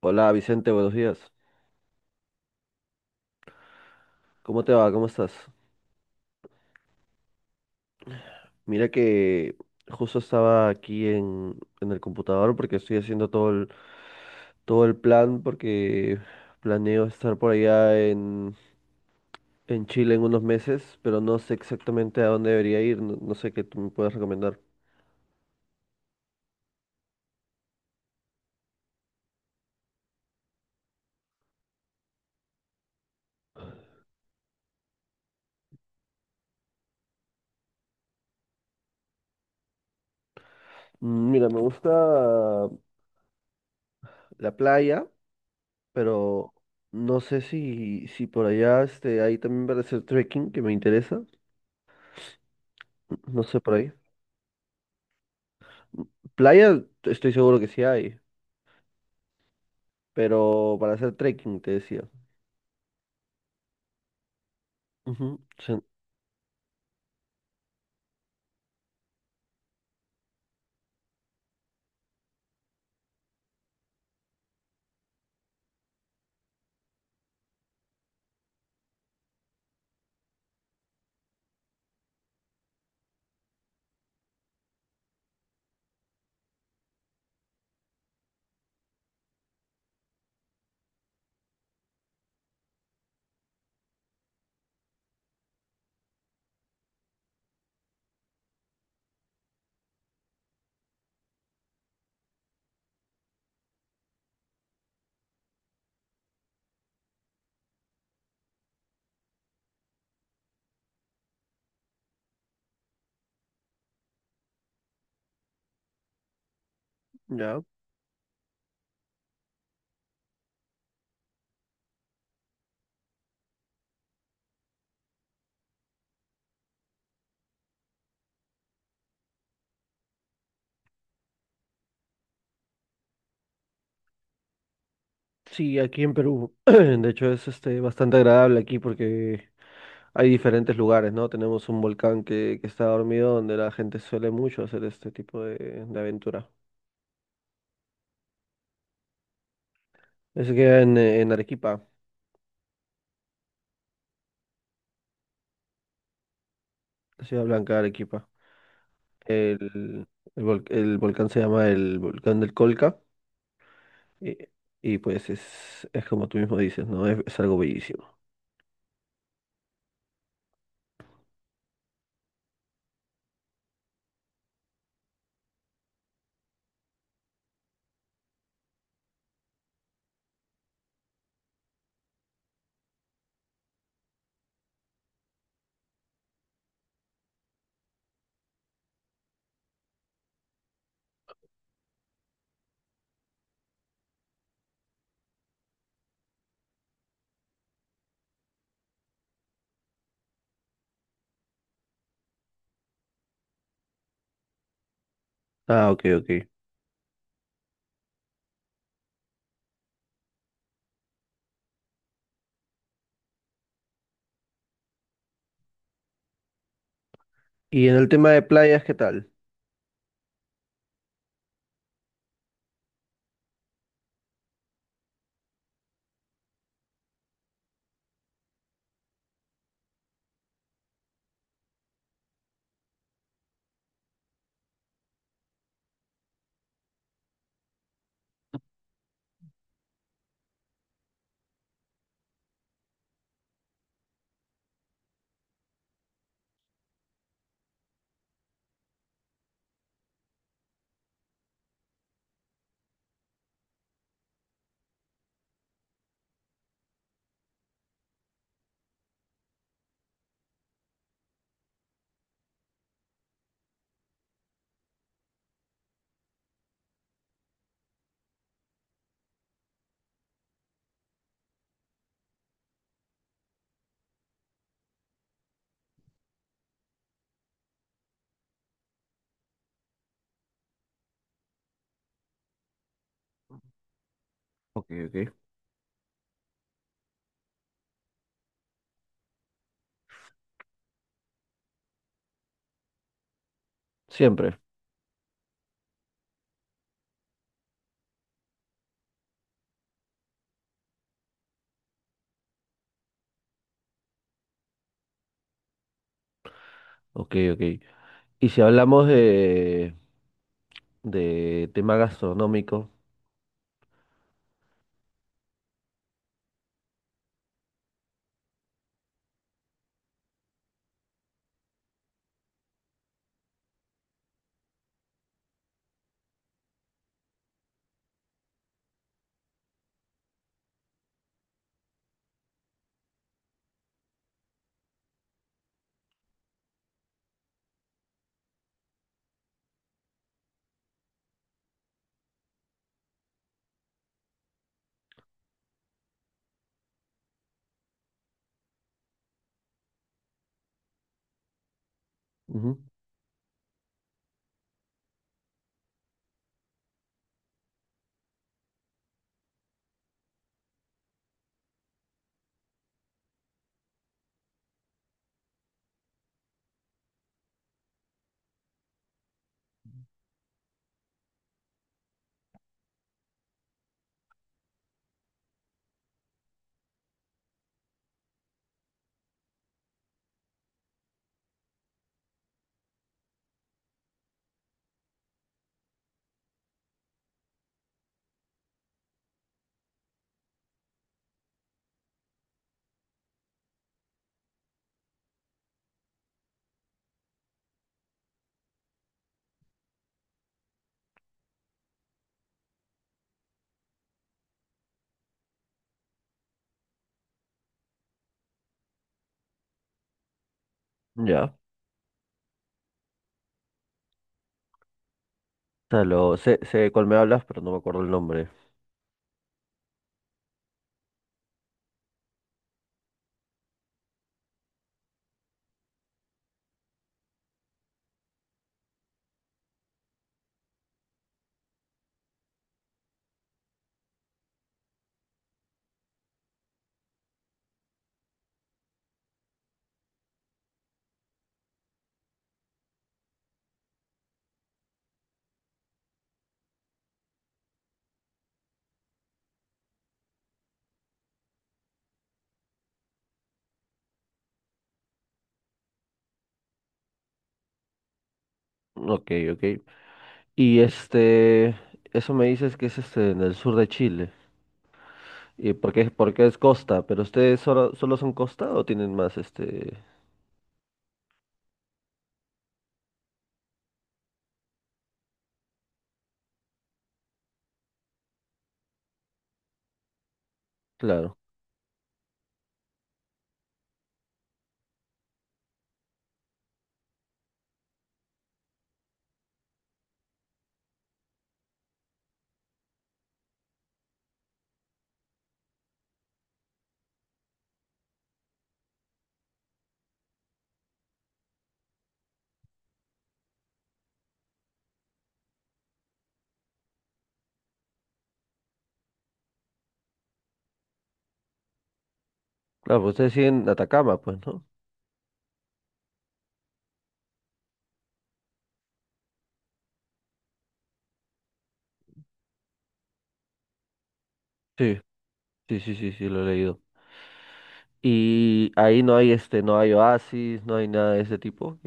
Hola Vicente, buenos días. ¿Cómo te va? ¿Cómo estás? Mira que justo estaba aquí en el computador porque estoy haciendo todo el plan porque planeo estar por allá en Chile en unos meses, pero no sé exactamente a dónde debería ir, no, no sé qué tú me puedes recomendar. Mm, mira, me gusta la playa, pero no sé si por allá este, ahí también para hacer trekking que me interesa, no sé por ahí. Playa, estoy seguro que sí hay, pero para hacer trekking, te decía. Ujú, sí, ya. Sí, aquí en Perú. De hecho, es este, bastante agradable aquí porque hay diferentes lugares, ¿no? Tenemos un volcán que está dormido donde la gente suele mucho hacer este tipo de aventura. Ese queda en Arequipa, la Ciudad Blanca de Arequipa. El, el volcán se llama el volcán del Colca y, y pues es como tú mismo dices, ¿no? Es algo bellísimo. Ah, ok, ok. Y en el tema de playas, ¿qué tal? Ok, ok. Siempre. Ok, ok. Y si hablamos de tema gastronómico, ujú, ya. O sea, lo, sé, sé de cuál me hablas, pero no me acuerdo el nombre. Ok, ok. Y este, eso me dices que es este en el sur de Chile. ¿Y por qué es costa? ¿Pero ustedes solo, solo son costa o tienen más este? Claro. Claro, pues ustedes siguen Atacama, pues, ¿no? Sí, sí, sí, sí, sí, lo he leído. Y ahí no hay este, no hay oasis, no hay nada de ese tipo.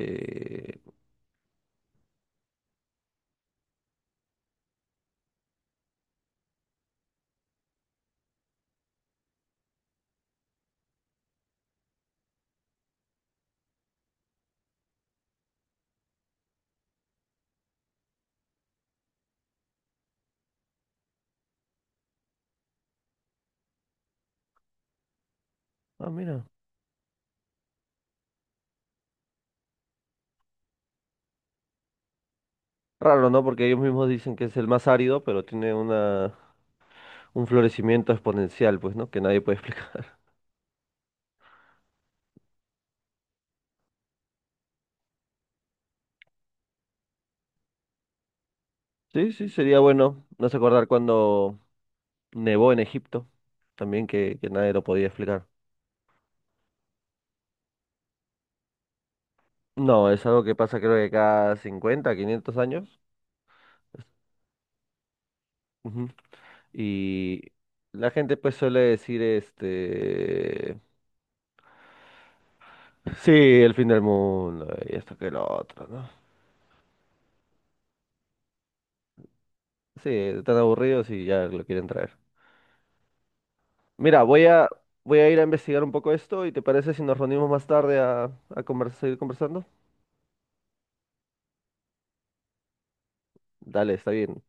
Ah, mira. Raro, ¿no? Porque ellos mismos dicen que es el más árido, pero tiene una, un florecimiento exponencial, pues, ¿no? Que nadie puede explicar. Sí, sí, sería bueno. No sé acordar cuando nevó en Egipto, también que nadie lo podía explicar. No, es algo que pasa creo que cada 50, 500 años. Ujú. Y la gente pues suele decir, este, sí, el fin del mundo y esto que lo otro, ¿no? Sí, están aburridos y ya lo quieren traer. Mira, voy a ir a investigar un poco esto y ¿te parece si nos reunimos más tarde a conversar, seguir conversando? Dale, está bien.